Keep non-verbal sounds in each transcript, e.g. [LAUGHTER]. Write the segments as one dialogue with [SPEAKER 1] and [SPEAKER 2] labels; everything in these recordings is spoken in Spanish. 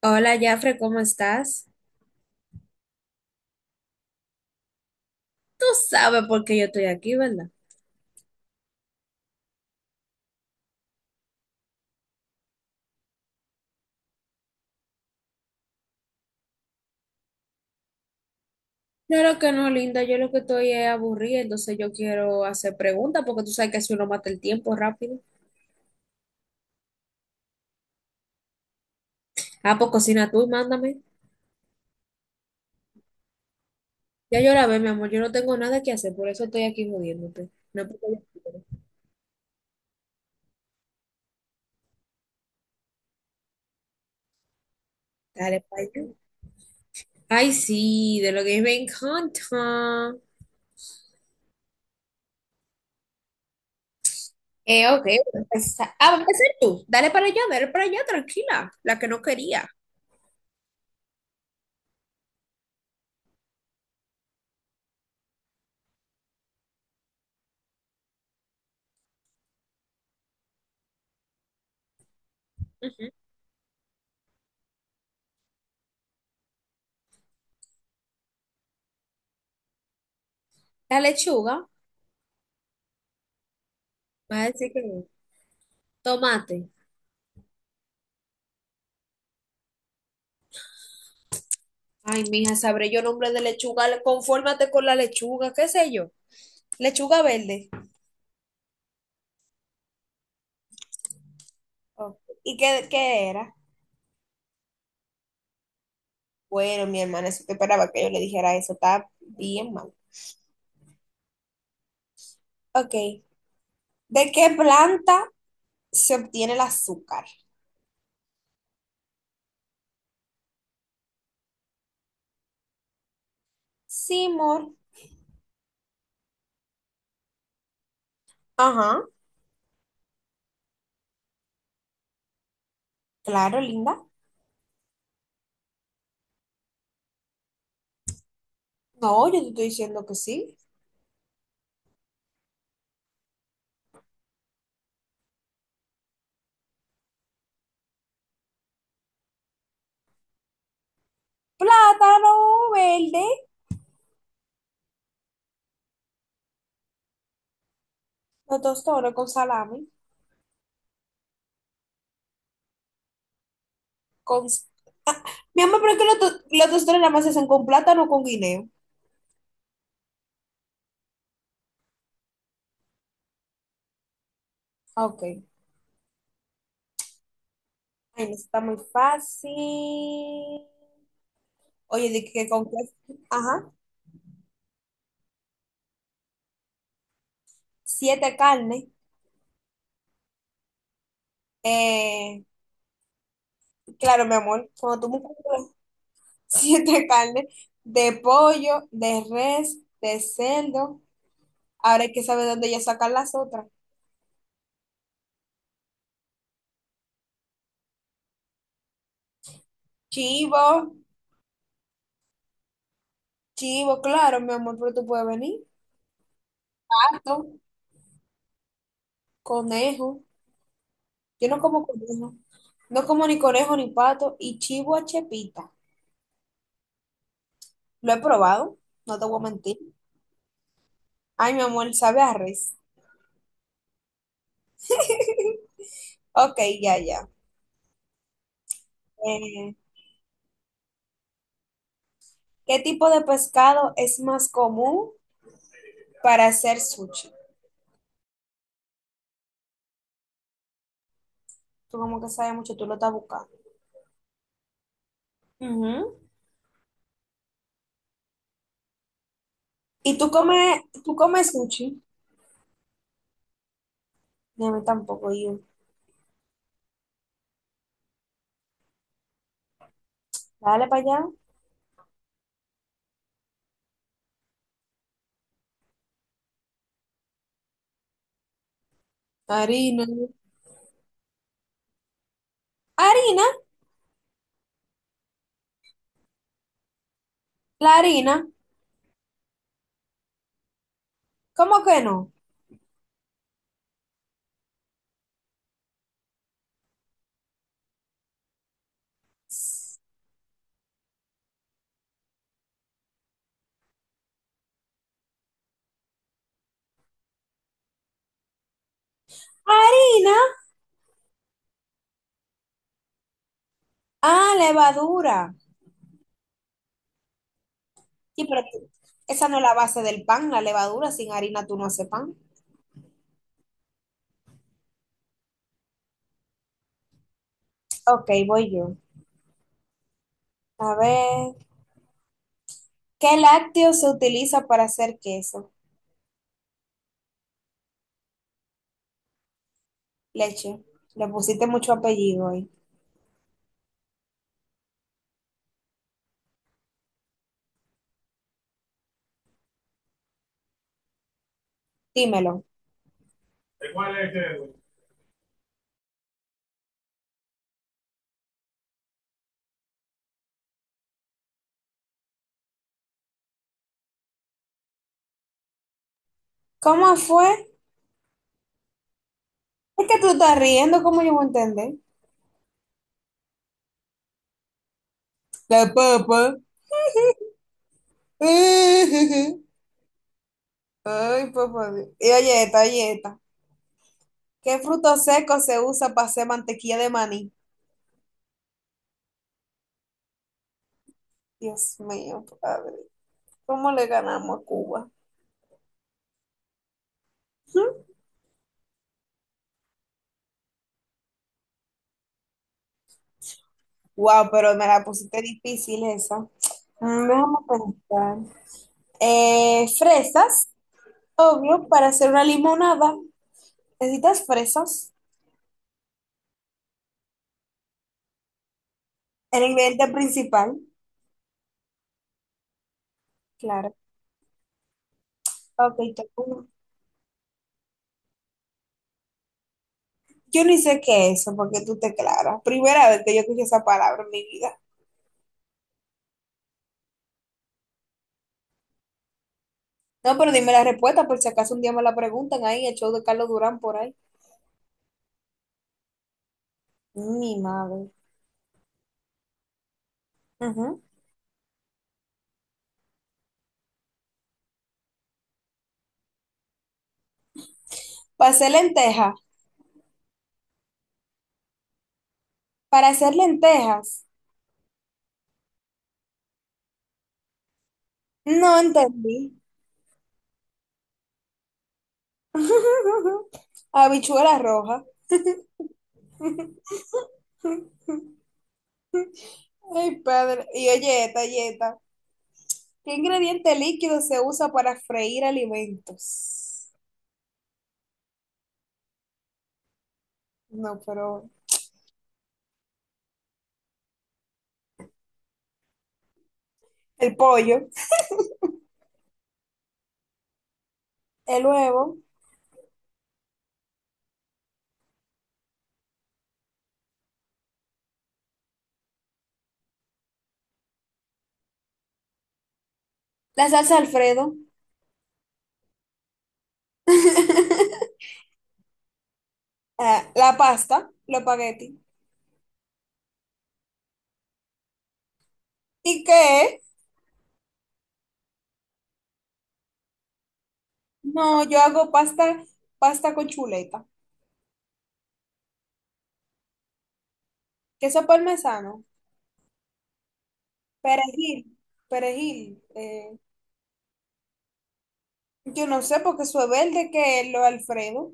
[SPEAKER 1] Hola, Jafre, ¿cómo estás? ¿Sabe por qué yo estoy aquí, verdad? Claro que no, linda, yo lo que estoy es aburrida, entonces yo quiero hacer preguntas porque tú sabes que si uno mata el tiempo rápido. Ah, pues cocina tú y mándame. Ya yo la ve, mi amor, yo no tengo nada que hacer, por eso estoy aquí jodiéndote. No es porque yo quiero. Dale, pa' allá. Ay, sí, de lo que me encanta. Ok, voy a empezar. Ah, va a empezar tú. Dale para allá, tranquila, la que no quería. Ujú. La lechuga, va a decir que no. Tomate. Ay, mija, sabré yo nombre de lechuga. Confórmate con la lechuga, qué sé yo. Lechuga verde. Oh, ¿Y qué era? Bueno, mi hermana, eso te esperaba que yo le dijera eso. Está bien mal. Ok. ¿De qué planta se obtiene el azúcar? Sí, amor. Ajá. Claro, linda. No, yo te estoy diciendo que sí. Plátano verde. Los tostones con salami. Con... Ah, [LAUGHS] mi amor, pero es que los tostones nada más se hacen con plátano o con guineo. Ah, Ok. Ay, no está muy fácil. Oye, de que con qué, ajá, siete carnes. Eh, claro, mi amor, cuando tú me compras [LAUGHS] siete carnes de pollo, de res, de cerdo, ahora hay que saber dónde ya sacar las otras. Chivo, chivo, claro, mi amor, pero tú puedes venir. Pato, conejo. Yo no como conejo. No como ni conejo ni pato. Y chivo a chepita. Lo he probado, no te voy a mentir. Ay, mi amor, sabe a res. [LAUGHS] Ok, ya, ya. Eh, ¿Qué tipo de pescado es más común para hacer sushi? Tú como que sabes mucho, tú lo estás buscando. Ujú. ¿Y tú comes sushi? No, a mí tampoco, yo. Dale para allá. Harina. ¿Harina? ¿La harina? ¿Cómo que no? ¿Harina? Ah, levadura. Sí, pero esa no es la base del pan, la levadura. Sin harina tú no haces pan. Ok, voy yo. A ver, ¿qué lácteo se utiliza para hacer queso? Leche, le pusiste mucho apellido ahí. Dímelo. ¿De cuál es ese? ¿Cómo fue? Es que tú estás riendo, ¿cómo yo voy a entender? La papa. [LAUGHS] Ay, papá. Y oye esta, oye esta. ¿Qué fruto seco se usa para hacer mantequilla de maní? Dios mío, padre. ¿Cómo le ganamos a Cuba? Wow, pero me la pusiste difícil esa. Déjame pensar. Fresas, obvio, para hacer una limonada. Necesitas fresas, el ingrediente principal, claro. Ok, yo ni sé qué es eso, porque tú te claras. Primera vez que yo escuché esa palabra en mi vida. No, pero dime la respuesta, por si acaso un día me la preguntan ahí, el show de Carlos Durán por ahí. Mi madre. Ujú. Para hacer lentejas, para hacer lentejas. No entendí. [LAUGHS] Habichuela roja. [LAUGHS] Ay, padre. Y oye, esta, y esta. ¿Qué ingrediente líquido se usa para freír alimentos? No, pero el pollo, el huevo, la salsa Alfredo, [LAUGHS] ah, la pasta, los espagueti. ¿Y qué? No, yo hago pasta, pasta con chuleta, queso parmesano, perejil, perejil. Yo no sé porque eso es verde que es lo Alfredo.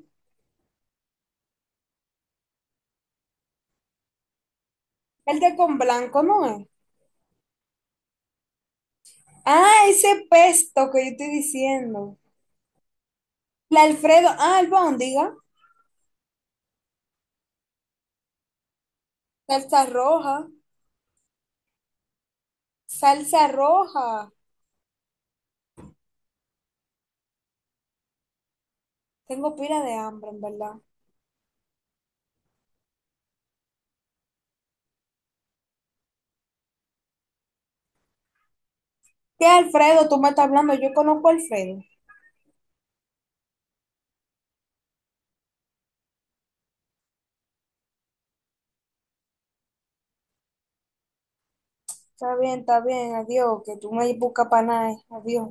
[SPEAKER 1] El de con blanco, ¿no es? Ah, ese pesto que yo estoy diciendo. La Alfredo, ah, albóndiga. Salsa roja, salsa roja. Tengo pila de hambre, en verdad. ¿Qué Alfredo? Tú me estás hablando, yo conozco a Alfredo. Está bien, adiós, que tú me buscas para nada, eh. Adiós.